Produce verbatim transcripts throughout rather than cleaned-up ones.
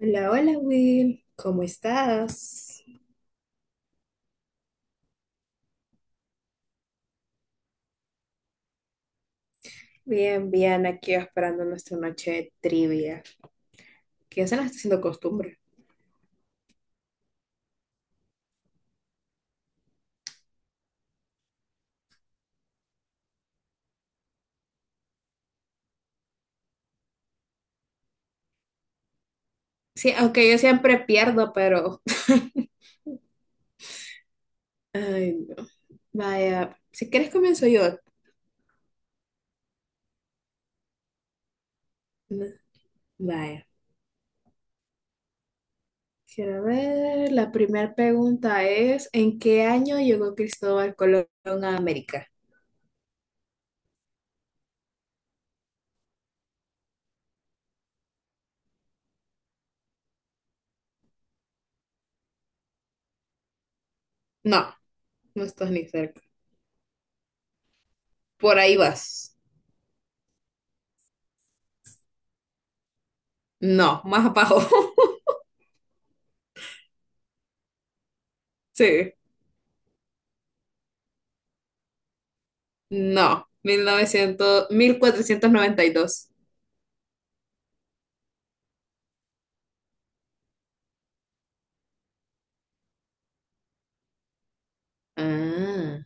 Hola, hola Will, ¿cómo estás? Bien, bien, aquí esperando nuestra noche de trivia, que ya se nos está haciendo costumbre. Sí, aunque yo siempre pierdo, pero. Ay, no. Vaya, si quieres comienzo yo. No, vaya, quiero ver, la primera pregunta es, ¿en qué año llegó Cristóbal Colón a América? No, no estás ni cerca. Por ahí vas. No, más abajo. Sí. No, Mil mil novecientos mil cuatrocientos noventa y dos. Ah,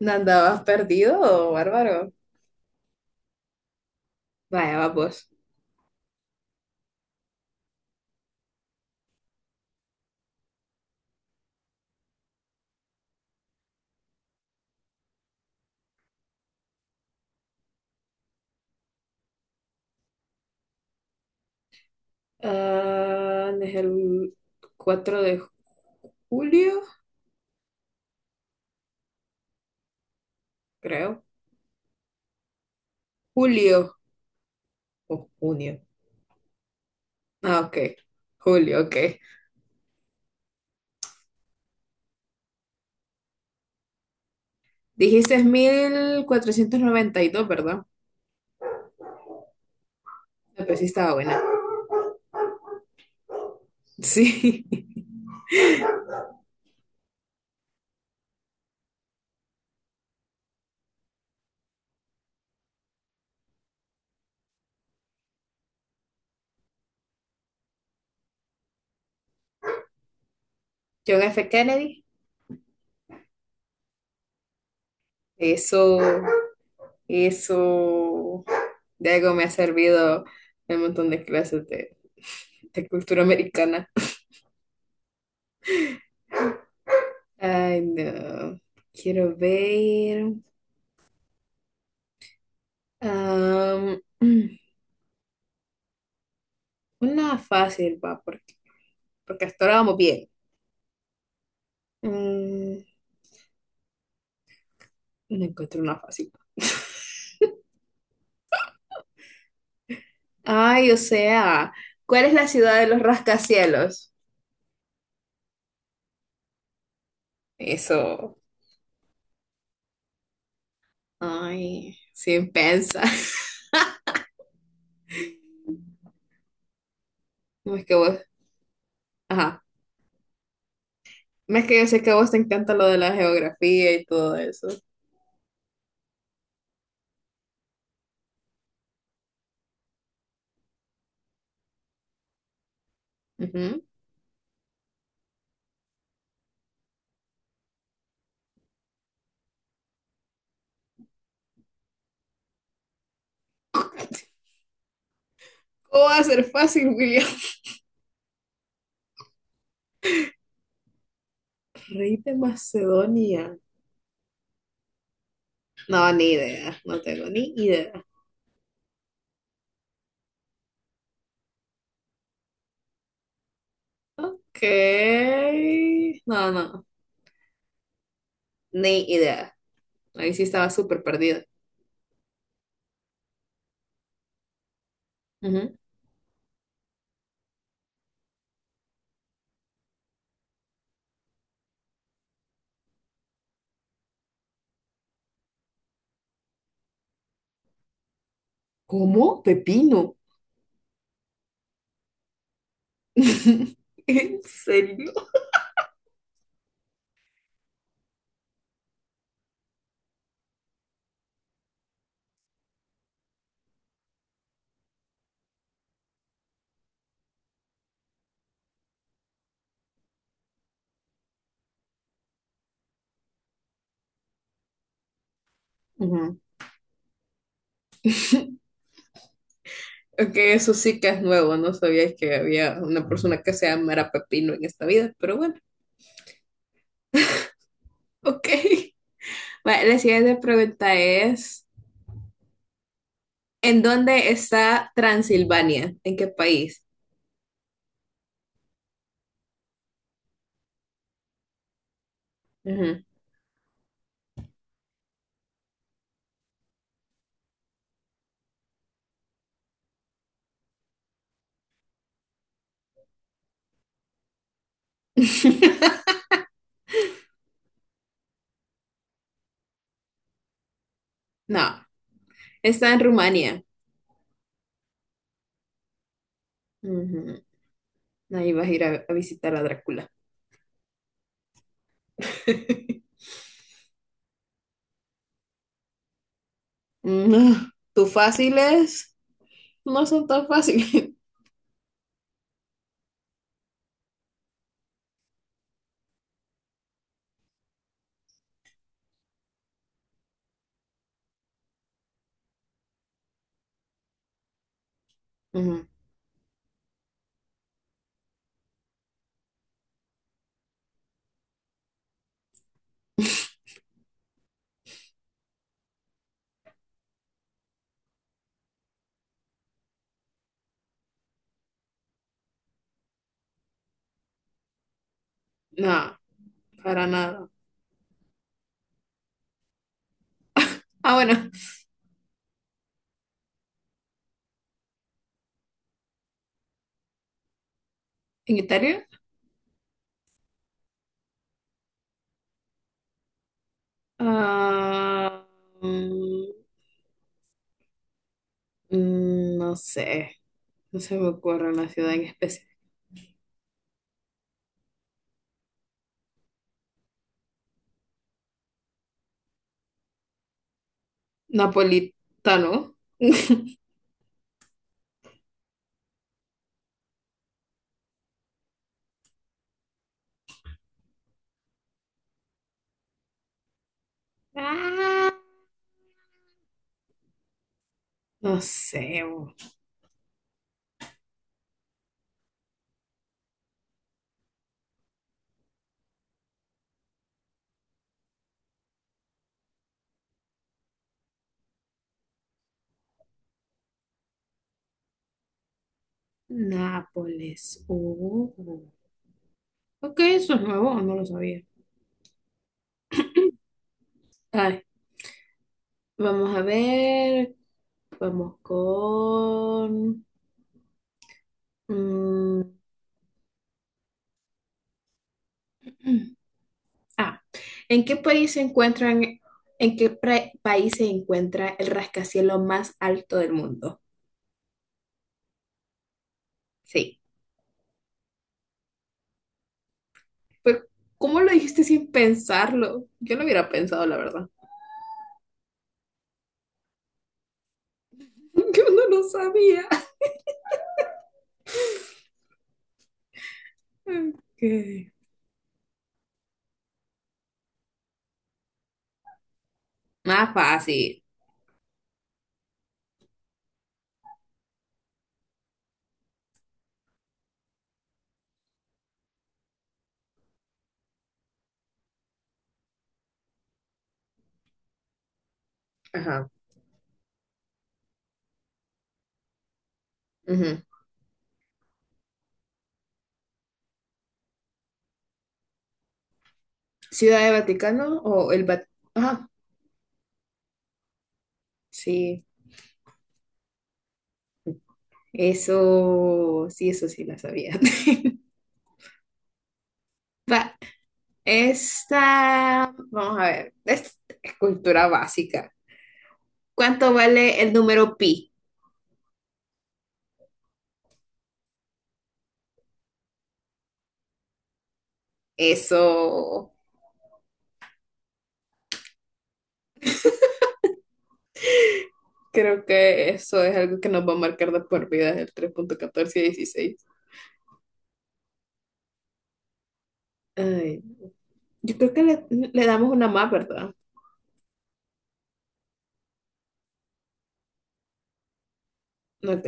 ¿no andabas perdido, bárbaro? Vaya, vamos. Ah, ¿no es el cuatro de julio, creo? Julio o junio. Ah, ok. Julio, ok. Dijiste es mil cuatrocientos noventa y dos, ¿verdad? Ah, pues sí estaba buena. Sí. John F. Kennedy. Eso, eso. De algo me ha servido un montón de clases de, de cultura americana. Ay, no. Quiero ver. am, una fácil, va, porque, porque hasta ahora vamos bien. Mm, no encuentro una fácil. Ay, o sea, ¿cuál es la ciudad de los rascacielos? Eso. Ay, sin pensar. No es que vos. Ajá. No es que yo sé que a vos te encanta lo de la geografía y todo eso. Ujú. ¿Cómo va a ser fácil, William? Rey de Macedonia. No, ni idea. No tengo ni idea. Ok. No, no. Ni idea. Ahí sí estaba súper perdida. Ujú. ¿Cómo? Pepino. ¿En serio? Ujú. Ok, eso sí que es nuevo. No sabía que había una persona que se llamara Pepino en esta vida, pero bueno. Ok. Vale, la siguiente pregunta es, ¿en dónde está Transilvania? ¿En qué país? Ujú. No, está en Rumania. Ujú. Ahí vas a ir a, a visitar a Drácula. No, tus fáciles no son tan fáciles. Ujú. No, para nada. Ah, bueno, en Italia. Ah, mm, mm, no sé, no se me ocurre una ciudad en especial. Napolitano. Ah, no sé, oh, Nápoles. Oh, ok, eso es nuevo, no lo sabía. Ay, vamos a ver. Vamos con. mm, ah, ¿en qué país se encuentran, en qué pra- país se encuentra el rascacielos más alto del mundo? Sí. Pero, ¿cómo lo dijiste sin pensarlo? Yo lo hubiera pensado, la verdad. Yo no lo sabía. Ok. Más fácil. Ajá. Ujú. Ciudad de Vaticano o el Vaticano. Ajá. Sí. Eso, sí, eso sí la sabía. Va, esta, vamos a ver, esta es cultura básica. ¿Cuánto vale el número pi? Eso, creo que eso es algo que nos va a marcar de por vida el tres punto catorce y dieciséis. Ay, yo creo que le, le damos una más, ¿verdad? Ok.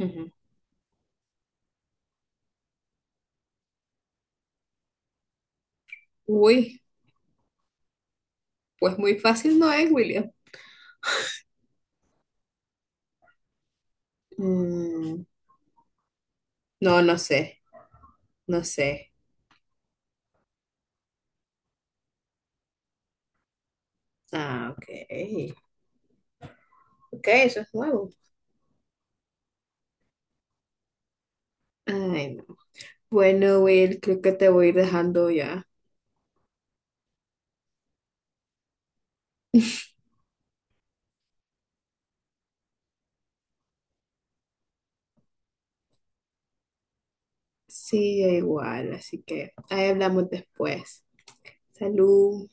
Ujú. Uy, pues muy fácil no es, William. Mm, no, no sé, no sé. Ah, ok. Ok, eso es nuevo. Ay, no. Bueno, Will, creo que te voy a ir dejando ya. Sí, yo igual, así que ahí hablamos después. Salud.